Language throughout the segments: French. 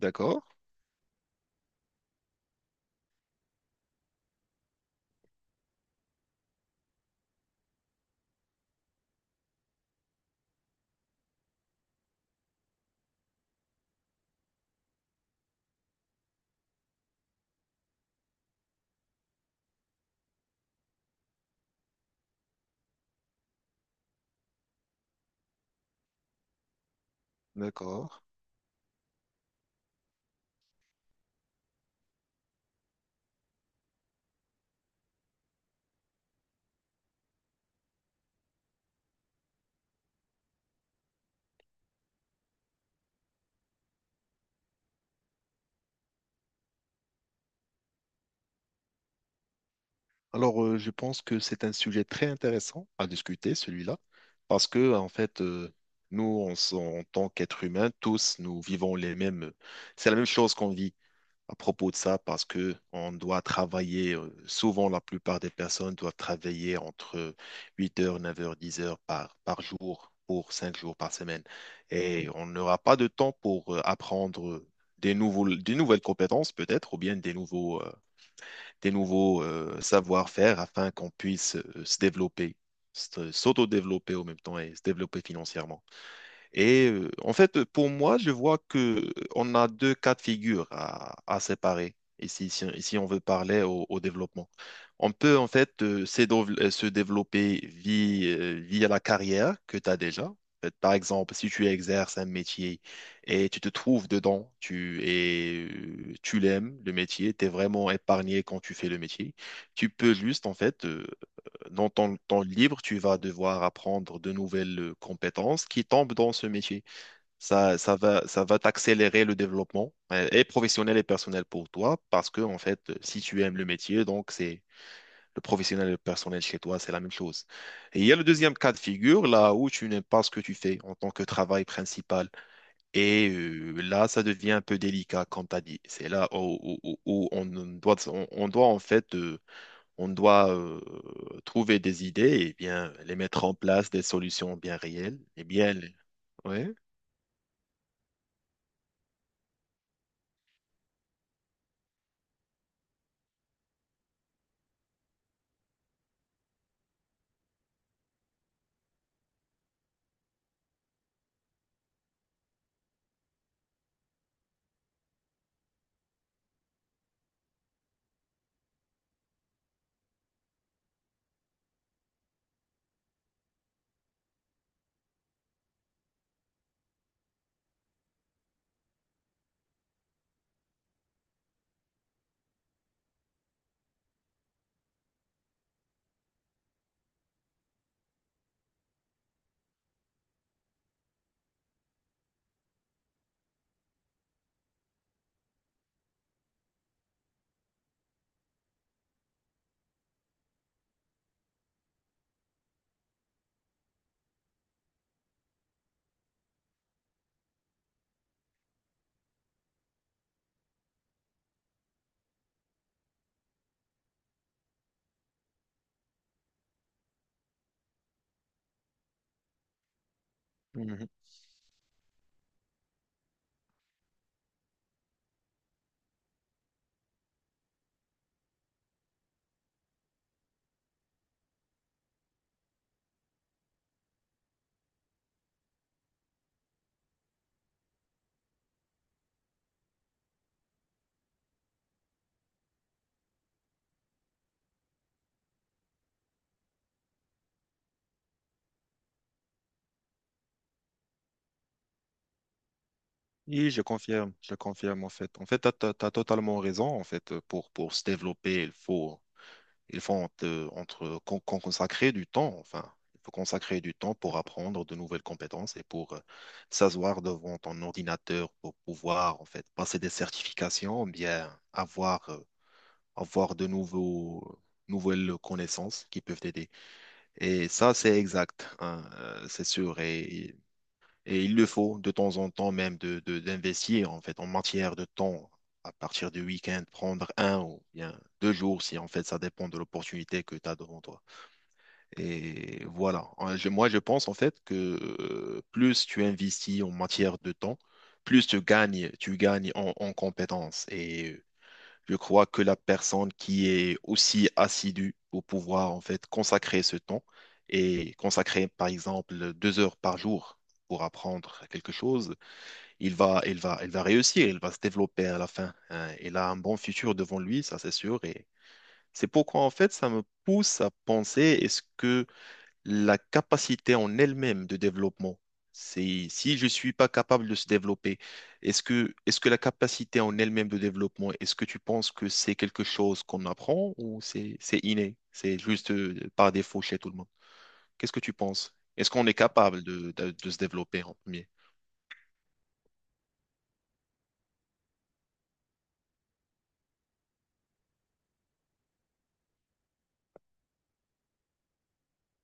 D'accord, d'accord. Alors, je pense que c'est un sujet très intéressant à discuter, celui-là, parce que, en fait, nous, en tant qu'êtres humains, tous, nous vivons les mêmes. C'est la même chose qu'on vit à propos de ça, parce que on doit travailler, souvent, la plupart des personnes doivent travailler entre 8 heures, 9 heures, 10 heures par jour pour 5 jours par semaine. Et on n'aura pas de temps pour apprendre des nouvelles compétences, peut-être, ou bien des nouveaux. Des nouveaux savoir-faire afin qu'on puisse se développer, s'auto-développer au même temps et se développer financièrement. Et en fait, pour moi, je vois que on a deux cas de figure à séparer ici, si on veut parler au développement. On peut en fait se développer via la carrière que tu as déjà. En fait, par exemple, si tu exerces un métier et tu te trouves dedans, tu l'aimes, le métier, tu es vraiment épargné quand tu fais le métier, tu peux juste en fait dans ton temps libre, tu vas devoir apprendre de nouvelles compétences qui tombent dans ce métier. Ça, ça va t'accélérer le développement, et professionnel et personnel pour toi, parce que, en fait, si tu aimes le métier, donc c'est le professionnel et le personnel chez toi, c'est la même chose. Et il y a le deuxième cas de figure, là où tu n'aimes pas ce que tu fais en tant que travail principal. Et là, ça devient un peu délicat, comme tu as dit. C'est là où on doit, on doit, en fait, on doit trouver des idées et bien les mettre en place, des solutions bien réelles et bien. Les- Ouais. Mhm. Oui, je confirme en fait. En fait, tu as, totalement raison. En fait, pour se développer, il faut entre, entre- con- con- consacrer du temps. Enfin, il faut consacrer du temps pour apprendre de nouvelles compétences et pour s'asseoir devant ton ordinateur pour pouvoir en fait passer des certifications, bien avoir, avoir nouvelles connaissances qui peuvent t'aider. Et ça, c'est exact, hein, c'est sûr. Et il le faut de temps en temps même d'investir en fait en matière de temps. À partir du week-end, prendre 1 ou bien 2 jours, si en fait ça dépend de l'opportunité que tu as devant toi. Et voilà. Moi, je pense en fait que plus tu investis en matière de temps, tu gagnes en compétences. Et je crois que la personne qui est aussi assidue pour pouvoir en fait consacrer ce temps et consacrer par exemple 2 heures par jour pour apprendre quelque chose, il va réussir, il va se développer à la fin. Hein. Il a un bon futur devant lui, ça c'est sûr. Et c'est pourquoi en fait ça me pousse à penser, est-ce que la capacité en elle-même de développement. C'est si je suis pas capable de se développer, est-ce que la capacité en elle-même de développement, est-ce que tu penses que c'est quelque chose qu'on apprend ou c'est inné, c'est juste par défaut chez tout le monde? Qu'est-ce que tu penses? Est-ce qu'on est capable de se développer en premier?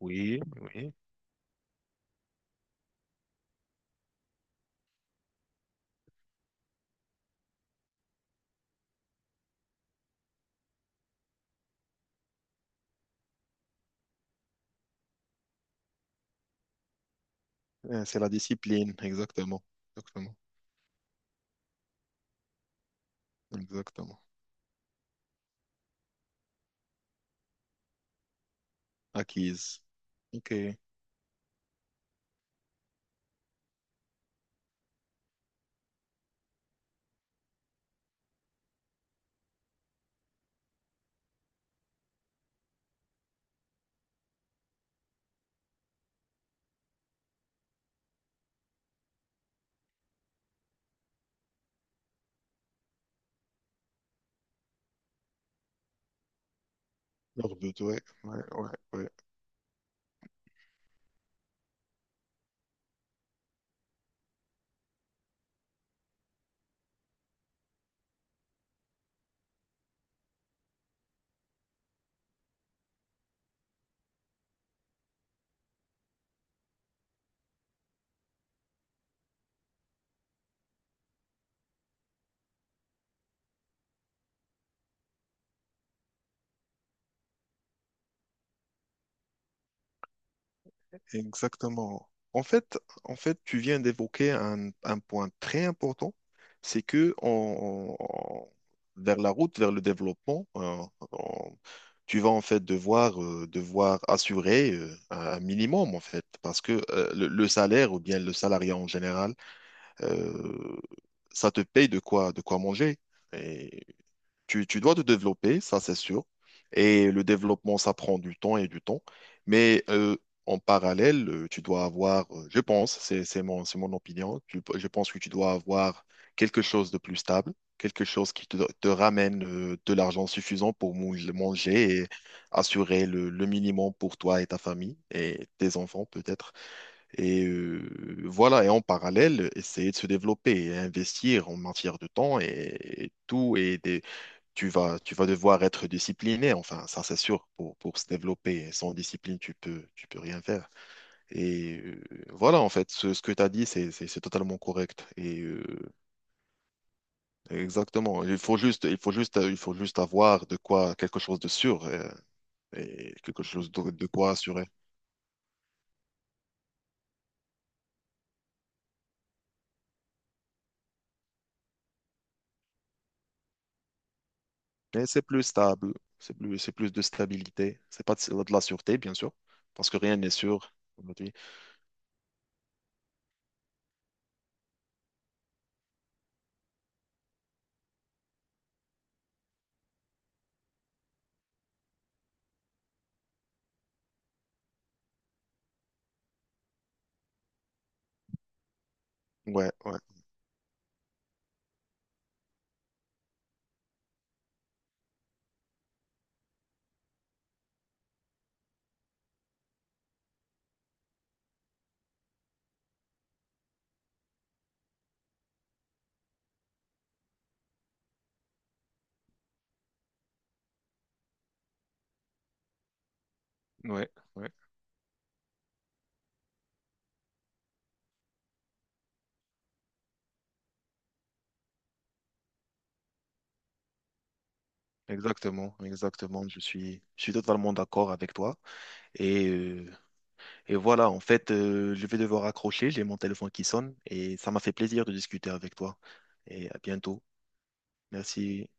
Oui, oui. C'est la discipline, exactement. Exactement. Exactement. Acquise. Ok. Lors but, toi, ouais, ouais, ouais. Exactement. En fait, en fait, tu viens d'évoquer un point très important, c'est que vers la route, vers le développement, on- tu vas en fait devoir, devoir assurer un minimum en fait, parce que le salaire ou bien le salariat en général, euh, ça te paye de quoi manger. Tu dois te développer, ça c'est sûr. Et le développement, ça prend du temps et du temps. Mais en parallèle, tu dois avoir, je pense, c'est mon opinion, je pense que tu dois avoir quelque chose de plus stable, quelque chose qui te ramène de l'argent suffisant pour manger et assurer le minimum pour toi et ta famille et tes enfants peut-être. Et voilà, et en parallèle, essayer de se développer et investir en matière de temps et tout. Et tu vas devoir être discipliné, enfin, ça c'est sûr, pour se développer. Sans discipline, tu peux rien faire. Et voilà, en fait, ce que tu as dit, c'est totalement correct. Et exactement, il faut juste avoir de quoi, quelque chose de sûr et quelque chose de quoi assurer. Mais c'est plus stable, c'est plus de stabilité. C'est pas de la sûreté, bien sûr, parce que rien n'est sûr aujourd'hui. Ouais, ouais, ouais, ouais. Exactement, exactement. Je suis totalement d'accord avec toi. Et, euh, et voilà, en fait, je vais devoir accrocher. J'ai mon téléphone qui sonne et ça m'a fait plaisir de discuter avec toi. Et à bientôt. Merci.